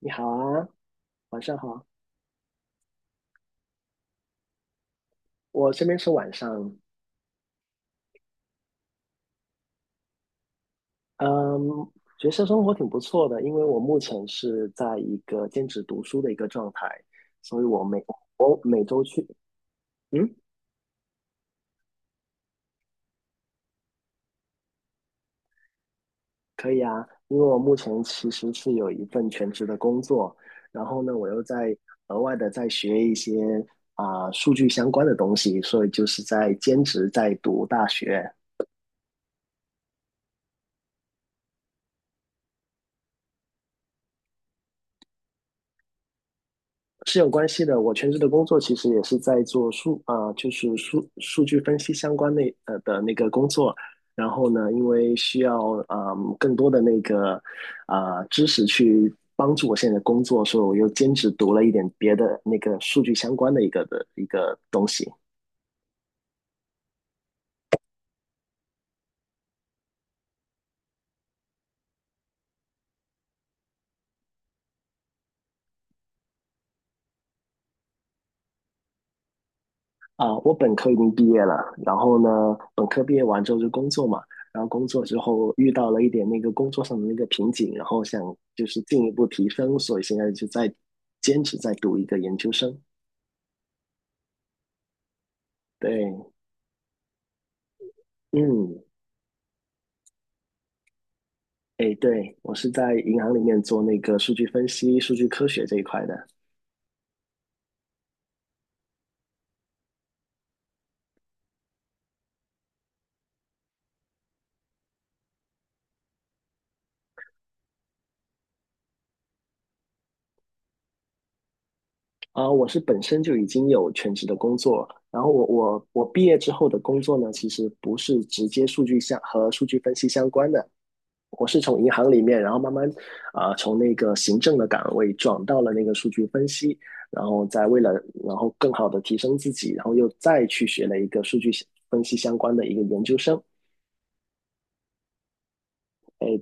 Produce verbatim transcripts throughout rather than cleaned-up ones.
你好啊，晚上好。我这边是晚上，嗯，学校生活挺不错的，因为我目前是在一个兼职读书的一个状态，所以我每我每周去。嗯，可以啊，因为我目前其实是有一份全职的工作，然后呢，我又在额外的在学一些啊、数据相关的东西，所以就是在兼职在读大学。是有关系的。我全职的工作其实也是在做数啊、就是数数据分析相关那呃的那个工作。然后呢，因为需要啊、嗯更多的那个啊、知识去帮助我现在的工作，所以我又兼职读了一点别的那个数据相关的一个的一个东西。啊，我本科已经毕业了，然后呢，本科毕业完之后就工作嘛，然后工作之后遇到了一点那个工作上的那个瓶颈，然后想就是进一步提升，所以现在就在坚持在读一个研究生。对。嗯，哎，对，我是在银行里面做那个数据分析、数据科学这一块的。啊、我是本身就已经有全职的工作，然后我我我毕业之后的工作呢，其实不是直接数据相和数据分析相关的，我是从银行里面，然后慢慢啊、呃从那个行政的岗位转到了那个数据分析，然后再为了然后更好的提升自己，然后又再去学了一个数据分析相关的一个研究生。哎，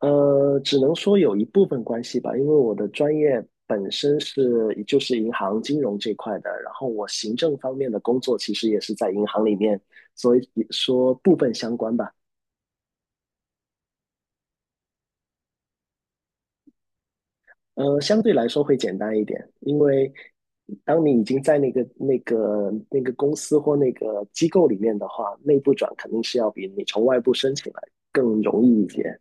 呃，只能说有一部分关系吧，因为我的专业本身是就是银行金融这块的，然后我行政方面的工作其实也是在银行里面，所以说部分相关吧。呃，相对来说会简单一点，因为当你已经在那个那个那个公司或那个机构里面的话，内部转肯定是要比你从外部申请来更容易一些，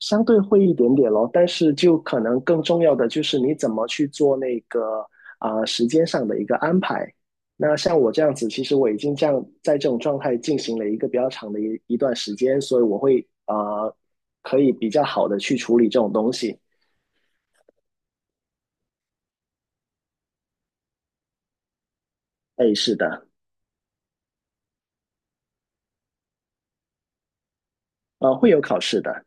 相对会一点点咯。但是就可能更重要的就是你怎么去做那个啊、呃时间上的一个安排。那像我这样子，其实我已经这样在这种状态进行了一个比较长的一一段时间，所以我会啊、呃可以比较好的去处理这种东西。哎，是的。呃，会有考试的。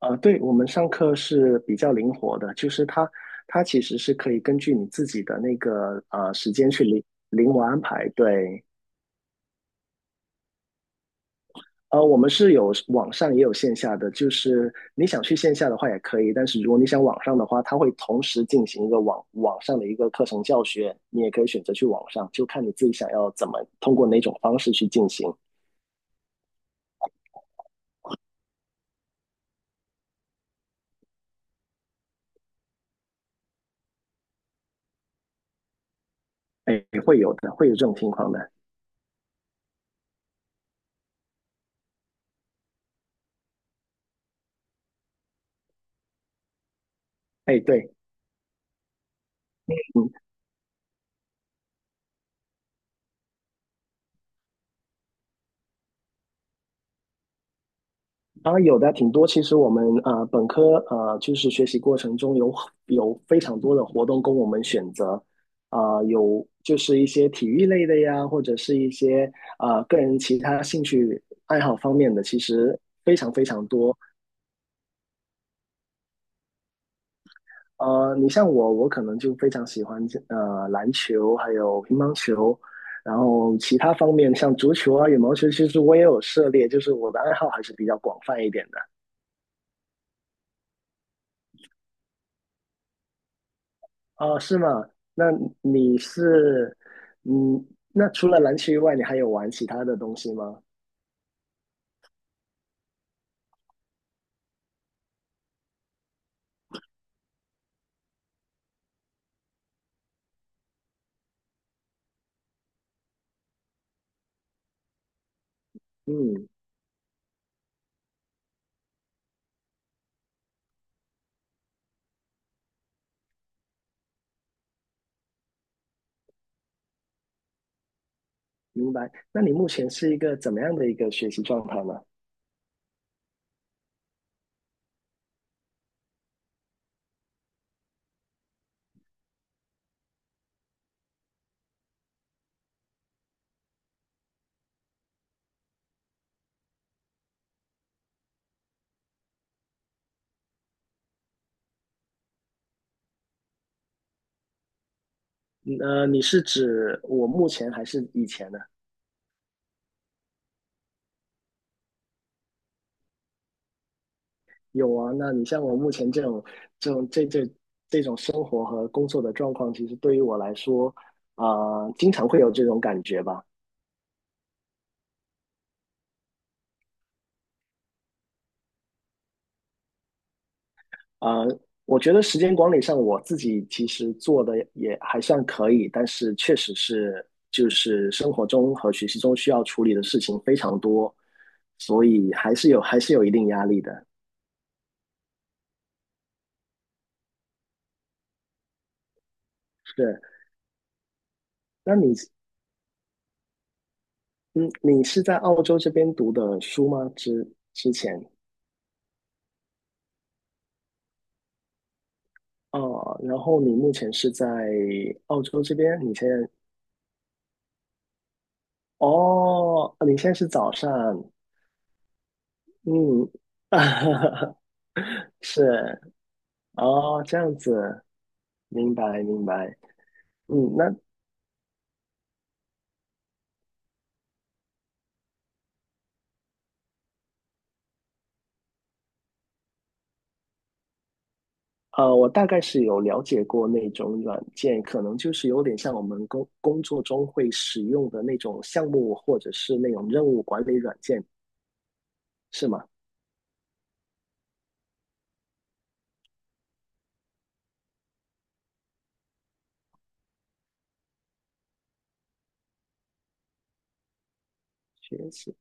呃，对，我们上课是比较灵活的，就是它它其实是可以根据你自己的那个呃时间去灵灵活安排。对。呃，我们是有网上也有线下的，就是你想去线下的话也可以，但是如果你想网上的话，它会同时进行一个网网上的一个课程教学，你也可以选择去网上，就看你自己想要怎么通过哪种方式去进行。哎，会有的，会有这种情况的。哎，对。嗯。当然有的挺多。其实我们呃本科呃就是学习过程中有有非常多的活动供我们选择。啊、有就是一些体育类的呀，或者是一些呃个人其他兴趣爱好方面的，其实非常非常多。呃，你像我，我可能就非常喜欢呃篮球，还有乒乓球，然后其他方面像足球啊、羽毛球，其实我也有涉猎，就是我的爱好还是比较广泛一点的。哦，是吗？那你是，嗯，那除了篮球以外，你还有玩其他的东西吗？嗯，明白。那你目前是一个怎么样的一个学习状态呢？嗯呃，你是指我目前还是以前呢？有啊，那你像我目前这种这种这这这种生活和工作的状况，其实对于我来说，啊、经常会有这种感觉吧。啊，我觉得时间管理上我自己其实做的也还算可以，但是确实是就是生活中和学习中需要处理的事情非常多，所以还是有还是有一定压力的。是，那你嗯，你是在澳洲这边读的书吗？之之前哦，然后你目前是在澳洲这边，你现在哦，你现在是早上。嗯，是哦，这样子。明白，明白。嗯，那呃，我大概是有了解过那种软件，可能就是有点像我们工工作中会使用的那种项目或者是那种任务管理软件，是吗？学习。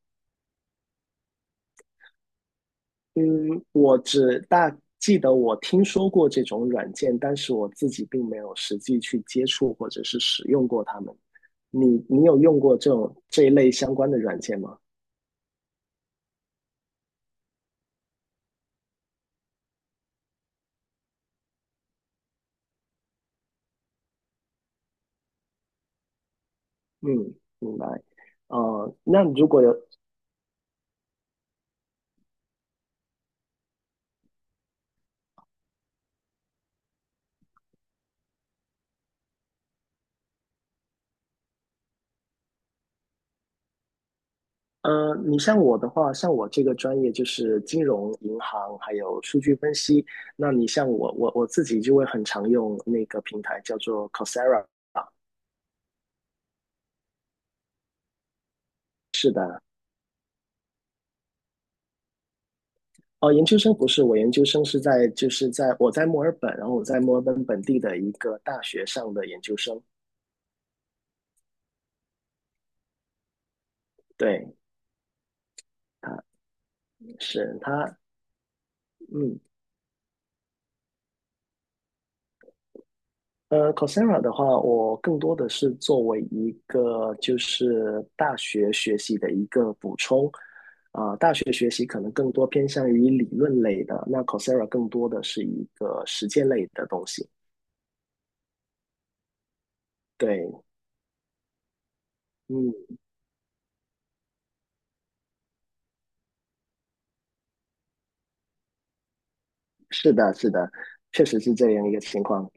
嗯，我只大记得我听说过这种软件，但是我自己并没有实际去接触或者是使用过它们。你你有用过这种这一类相关的软件吗？嗯，明白。呃，那如果有呃，你像我的话，像我这个专业就是金融、银行还有数据分析。那你像我，我我自己就会很常用那个平台叫做 Coursera。是的。哦，研究生不是，我研究生是在就是在我在墨尔本，然后我在墨尔本本地的一个大学上的研究生。对，他是他，嗯。呃，Coursera 的话，我更多的是作为一个就是大学学习的一个补充。啊、大学学习可能更多偏向于理论类的，那 Coursera 更多的是一个实践类的东西。对。嗯，是的，是的，确实是这样一个情况。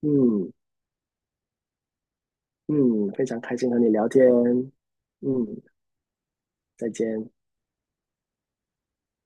嗯嗯，非常开心和你聊天。嗯，再见。